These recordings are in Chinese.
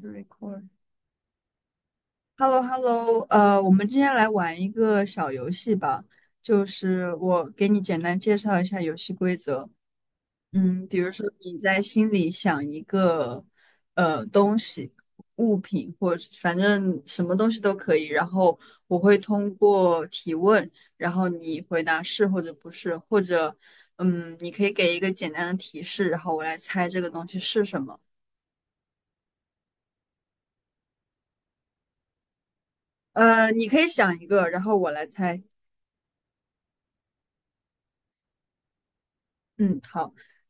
r e r d h e l l o h e l l o 我们今天来玩一个小游戏吧，就是我给你简单介绍一下游戏规则。比如说你在心里想一个东西、物品，或者反正什么东西都可以，然后我会通过提问，然后你回答是或者不是，或者你可以给一个简单的提示，然后我来猜这个东西是什么。你可以想一个，然后我来猜。嗯。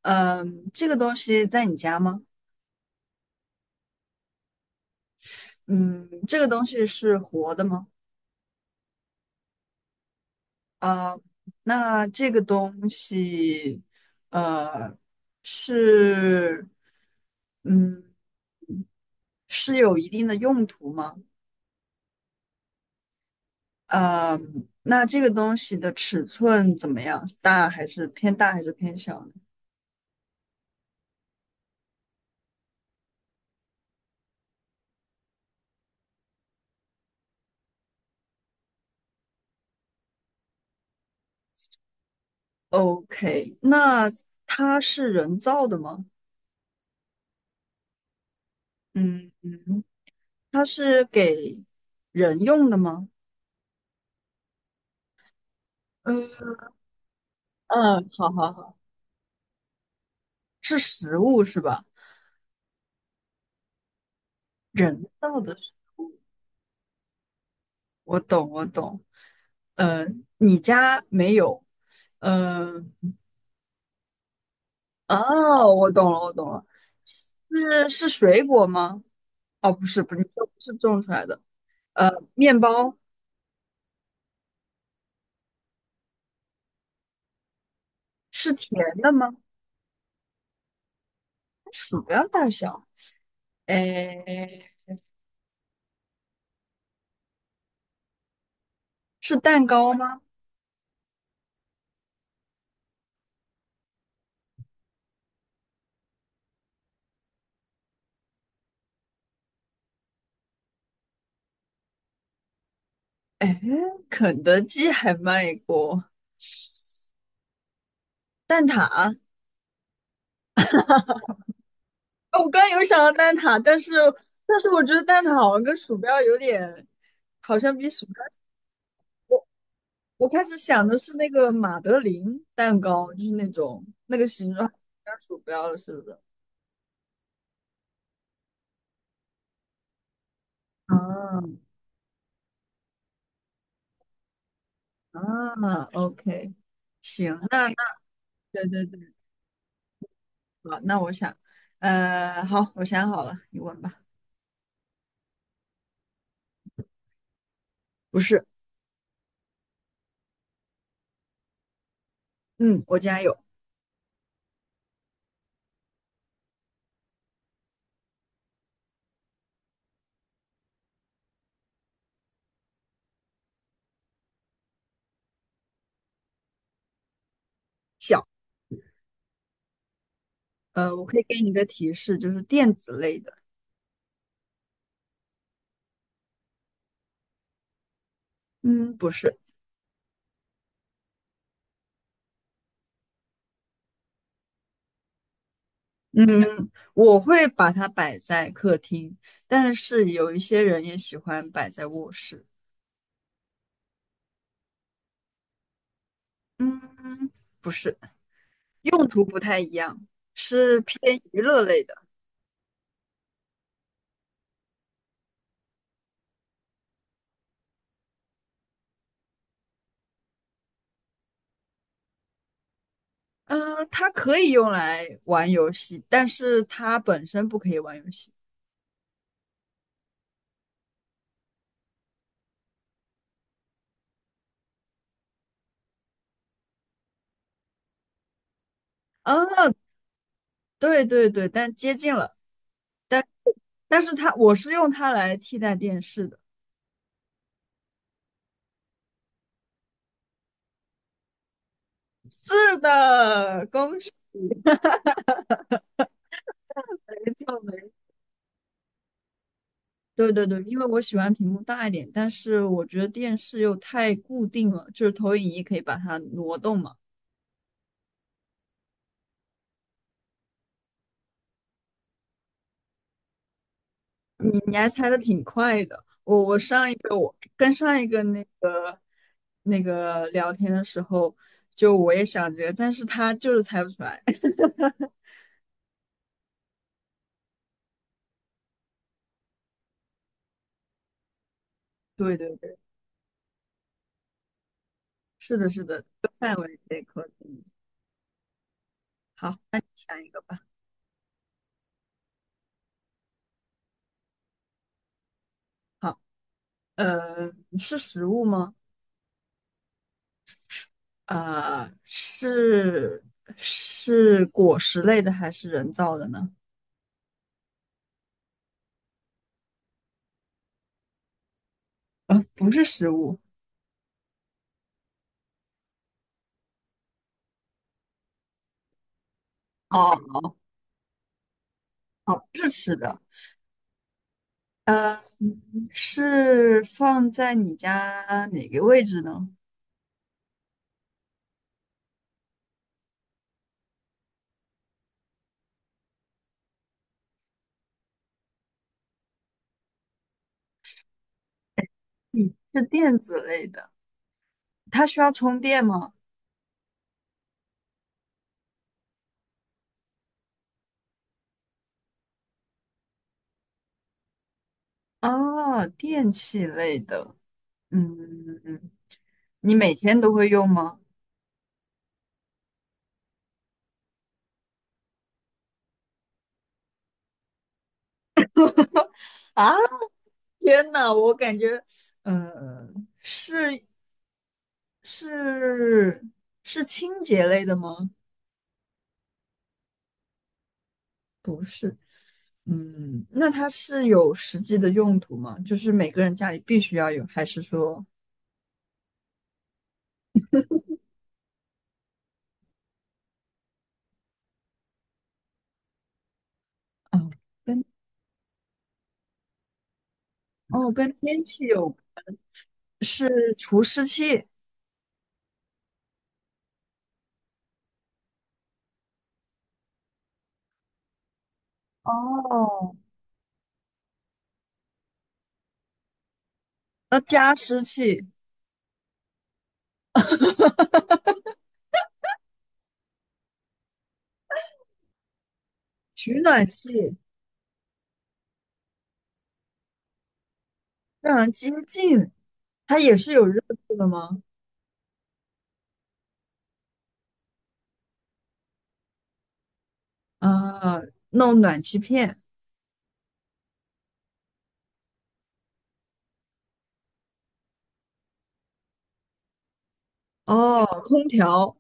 这个东西在你家吗？嗯，这个东西是活的吗？啊，那这个东西，呃，是，嗯，是有一定的用途吗？呃，那这个东西的尺寸怎么样？大还是偏大还是偏小呢？OK，那它是人造的吗？嗯嗯，它是给人用的吗？嗯，嗯，好好好。是食物是吧？人造的食物，我懂，我懂。呃，你家没有？呃，哦，我懂了，我懂了。是水果吗？哦，不是，不是，你说不是种出来的。呃，面包是甜的吗？鼠标大小，哎，是蛋糕吗？哎，肯德基还卖过蛋挞。哦我刚刚有想到蛋挞，但是我觉得蛋挞好像跟鼠标有点，好像比鼠标。我开始想的是那个马德琳蛋糕，就是那种那个形状像鼠标了，是不是？啊啊，OK，行，那对对对，好，那我想，好，我想好了，你问吧。不是，嗯，我竟然有，我可以给你一个提示，就是电子类的，嗯，不是。嗯，我会把它摆在客厅，但是有一些人也喜欢摆在卧室。嗯，不是，用途不太一样，是偏娱乐类的。嗯、它可以用来玩游戏，但是它本身不可以玩游戏。啊，对对对，但接近了。但是它，我是用它来替代电视的。是的，对对对，因为我喜欢屏幕大一点，但是我觉得电视又太固定了，就是投影仪可以把它挪动嘛。你还猜的挺快的，跟上一个那个聊天的时候，就我也想这个，但是他就是猜不出来。对对对，是的，是的，这个范围得可以。好，那你想一个吧。好，呃，是食物吗？呃，是是果实类的还是人造的呢？不是食物。哦哦，不是吃的，呃，是放在你家哪个位置呢？嗯，是电子类的，它需要充电吗？哦，电器类的，嗯，嗯，嗯你每天都会用吗？啊，天呐，我感觉，呃，是是是清洁类的吗？嗯，那它是有实际的用途吗？就是每个人家里必须要有，还是说，嗯？哦，跟天气有，是除湿器。哦，那加湿器、取暖器，让人接近。它也是有热度的吗？啊，弄暖气片，哦，空调，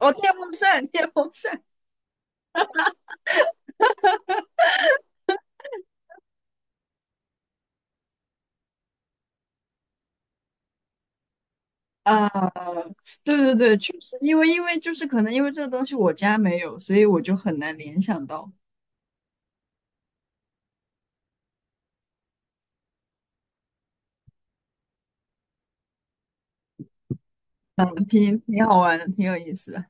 哦，电风扇，电风扇。啊，对对对，确实，因为就是可能因为这个东西我家没有，所以我就很难联想到。嗯，挺好玩的，挺有意思的。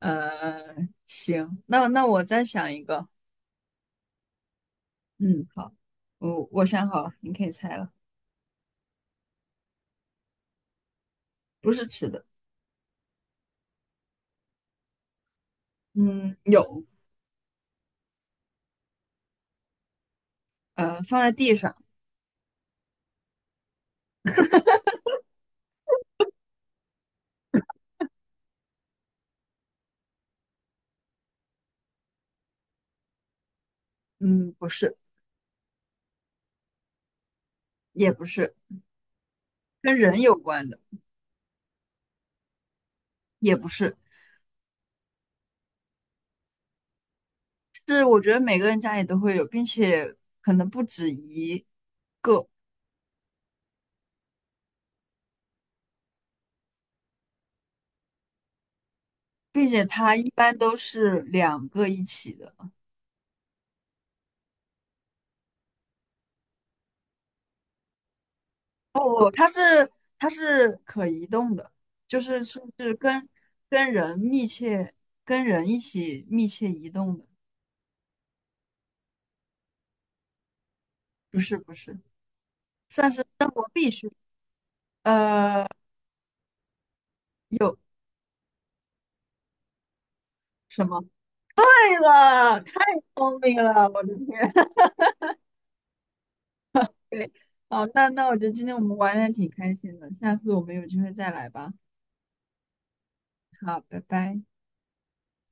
呃，行，那我再想一个。嗯，好，我想好了，你可以猜了，不是吃的，嗯，有，放在地上，嗯，不是，也不是，跟人有关的，也不是，是我觉得每个人家里都会有，并且可能不止一，并且它一般都是两个一起的，哦，它是可移动的，就是是跟人密切跟人一起密切移动的，不是不是，算是生活必须，呃。有。什么？对，好，那我觉得今天我们玩的挺开心的，下次我们有机会再来吧。好，拜拜。